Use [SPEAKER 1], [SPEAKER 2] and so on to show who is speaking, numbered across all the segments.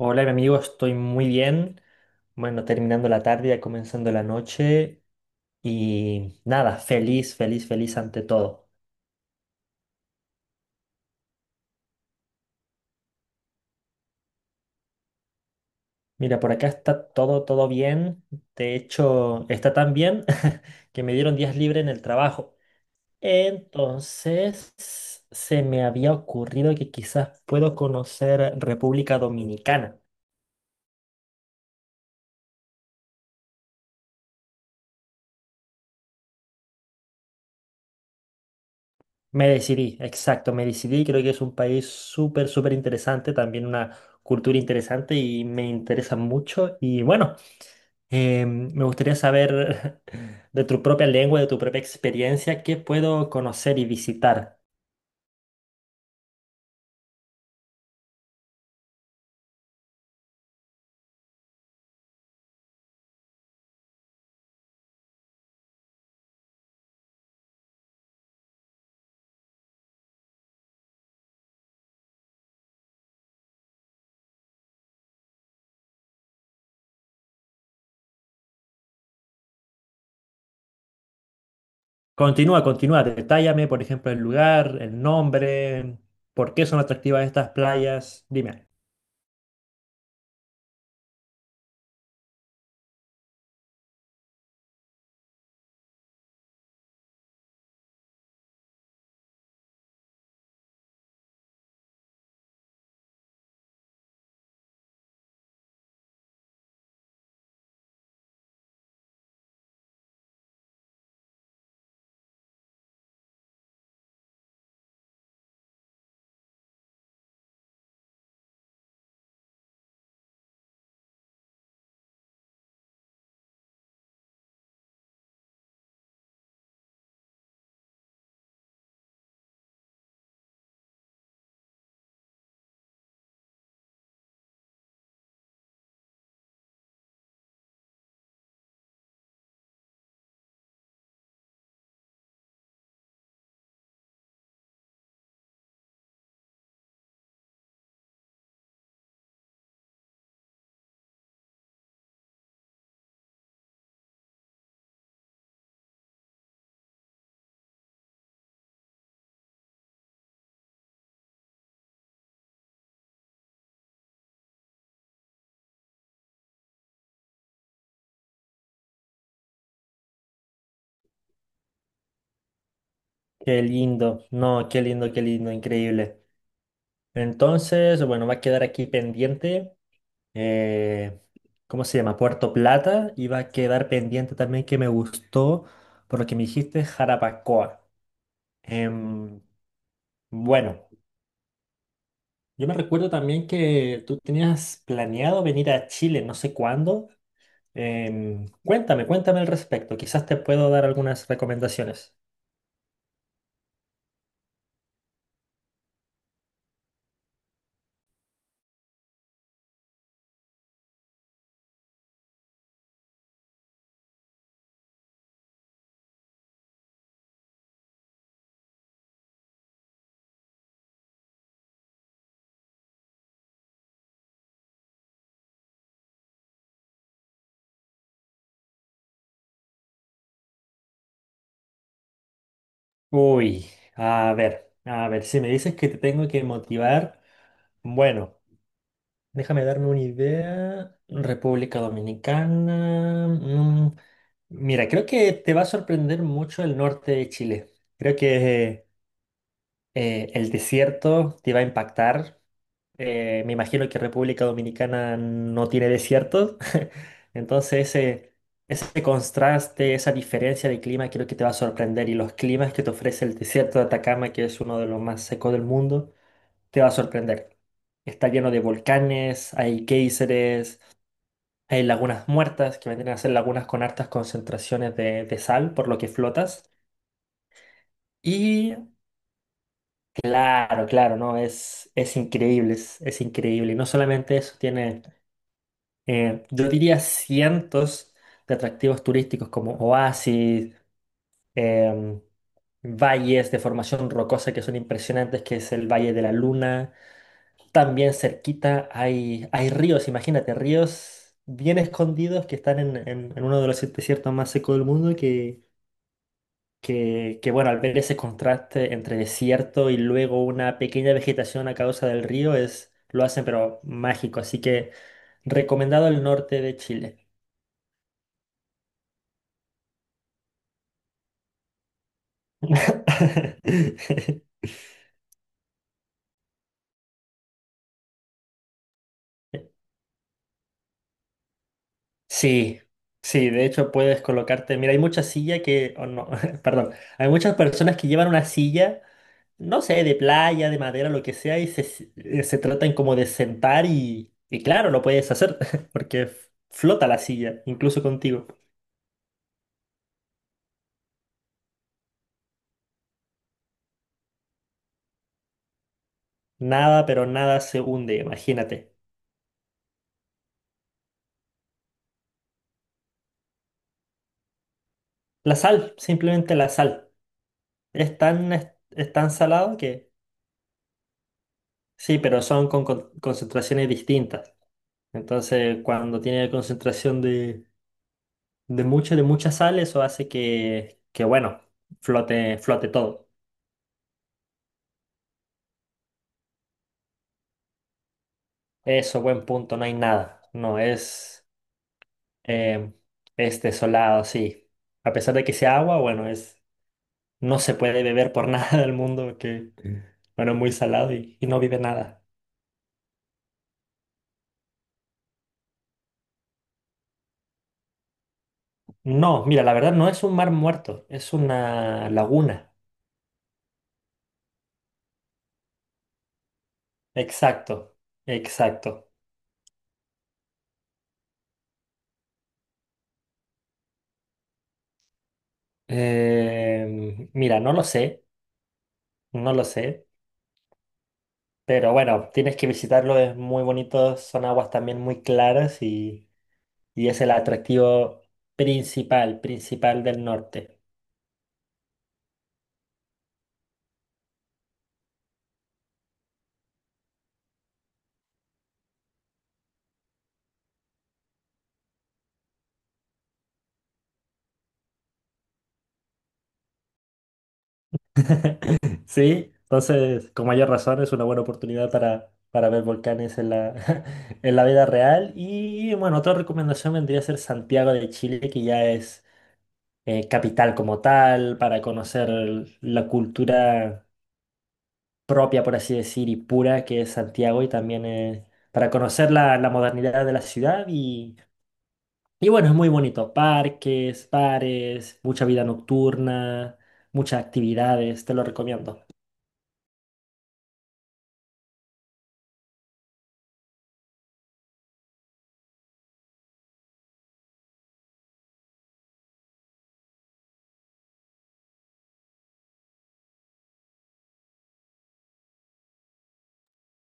[SPEAKER 1] Hola, mi amigo, estoy muy bien. Bueno, terminando la tarde, ya comenzando la noche y nada, feliz, feliz, feliz ante todo. Mira, por acá está todo, todo bien. De hecho, está tan bien que me dieron días libres en el trabajo. Entonces, se me había ocurrido que quizás puedo conocer República Dominicana. Me decidí, exacto, me decidí. Creo que es un país súper, súper interesante, también una cultura interesante y me interesa mucho. Y bueno, me gustaría saber de tu propia lengua, de tu propia experiencia, qué puedo conocer y visitar. Continúa, continúa, detállame, por ejemplo, el lugar, el nombre, por qué son atractivas estas playas. Dime. Qué lindo, no, qué lindo, increíble. Entonces, bueno, va a quedar aquí pendiente. eh, ¿Cómo se llama? Puerto Plata. Iba a quedar pendiente también que me gustó, por lo que me dijiste, Jarabacoa. Em, bueno, yo me recuerdo también que tú tenías planeado venir a Chile, no sé cuándo. Cuéntame, cuéntame al respecto. Quizás te puedo dar algunas recomendaciones. Uy, a ver, si me dices que te tengo que motivar, bueno. Déjame darme una idea. República Dominicana. Mira, creo que te va a sorprender mucho el norte de Chile. Creo que el desierto te va a impactar. Me imagino que República Dominicana no tiene desierto. Entonces, ese contraste, esa diferencia de clima, creo que te va a sorprender. Y los climas que te ofrece el desierto de Atacama, que es uno de los más secos del mundo. Te va a sorprender. Está lleno de volcanes, hay géiseres, hay lagunas muertas, que vendrían a ser lagunas con hartas concentraciones de sal, por lo que flotas. Y claro, claro, ¿no? Es increíble, es increíble. Y no solamente eso, tiene, yo diría, cientos de atractivos turísticos como oasis, em, valles de formación rocosa que son impresionantes, que es el Valle de la Luna. También cerquita hay ríos, imagínate, ríos bien escondidos que están en uno de los desiertos más secos del mundo que, bueno, al ver ese contraste entre desierto y luego una pequeña vegetación a causa del río es, lo hacen pero mágico, así que recomendado el norte de Chile. Sí, sí, de hecho puedes colocarte, mira, hay muchas sillas que, oh, no, perdón, hay muchas personas que llevan una silla, no sé, de playa, de madera, lo que sea, y se tratan como de sentar y claro, lo puedes hacer, porque flota la silla, incluso contigo. Nada, pero nada se hunde, imagínate. La sal, simplemente la sal. Es tan salado que, sí, pero son concentraciones distintas. Entonces, cuando tiene concentración de... de mucha sal, eso hace que bueno, flote todo. Eso, buen punto, no hay nada. No, es em, es desolado, sí. A pesar de que sea agua, bueno, es, no se puede beber por nada del mundo, que, bueno, es muy salado y no vive nada. No, mira, la verdad no es un mar muerto, es una laguna. Exacto, exacto. Mira, no lo sé, no lo sé. Pero bueno, tienes que visitarlo, es muy bonito, son aguas también muy claras y es el atractivo principal, principal del norte. ¿Sí? Entonces, con mayor razón, es una buena oportunidad para ver volcanes en la, en la vida real. Y bueno, otra recomendación vendría a ser Santiago de Chile, que ya es capital como tal, para conocer la cultura propia, por así decir, y pura que es Santiago y también para conocer la, la modernidad de la ciudad y bueno, es muy bonito, parques, bares, mucha vida nocturna, muchas actividades, te lo recomiendo.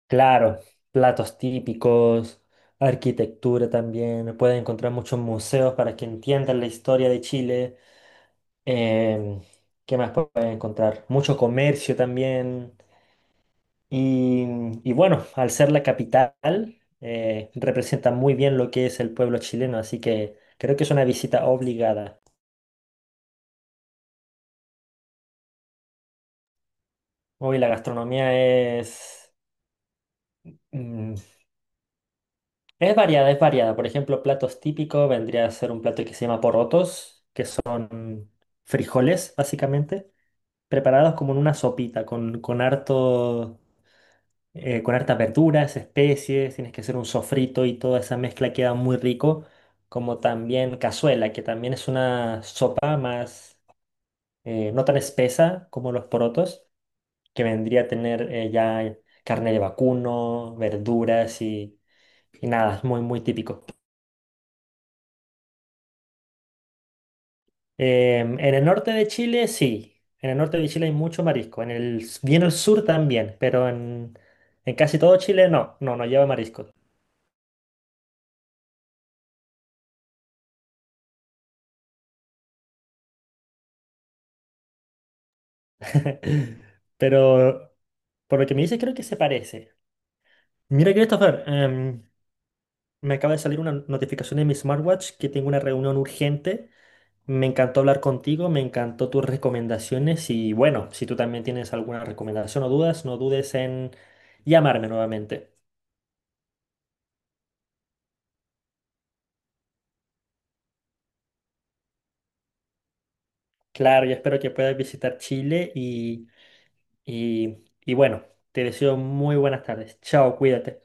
[SPEAKER 1] Claro, platos típicos, arquitectura también, puedes encontrar muchos museos para que entiendan la historia de Chile. Em, ¿Qué más puedes encontrar? Mucho comercio también. Y, y bueno, al ser la capital, representa muy bien lo que es el pueblo chileno, así que creo que es una visita obligada. Hoy la gastronomía es, mm, es variada, es variada. Por ejemplo, platos típicos vendría a ser un plato que se llama porotos, que son frijoles, básicamente, preparados como en una sopita, con harto, con hartas verduras, especies, tienes que hacer un sofrito y toda esa mezcla queda muy rico, como también cazuela, que también es una sopa más, no tan espesa como los porotos, que vendría a tener ya carne de vacuno, verduras y nada, es muy, muy típico. En el norte de Chile, sí. En el norte de Chile hay mucho marisco, en el, bien al sur también, pero en casi todo Chile no, no, no lleva marisco. Pero por lo que me dice, creo que se parece. Mira, Christopher, me acaba de salir una notificación en mi smartwatch que tengo una reunión urgente. Me encantó hablar contigo, me encantó tus recomendaciones y bueno, si tú también tienes alguna recomendación o dudas, no dudes en llamarme nuevamente. Claro, yo espero que puedas visitar Chile y bueno, te deseo muy buenas tardes. Chao, cuídate.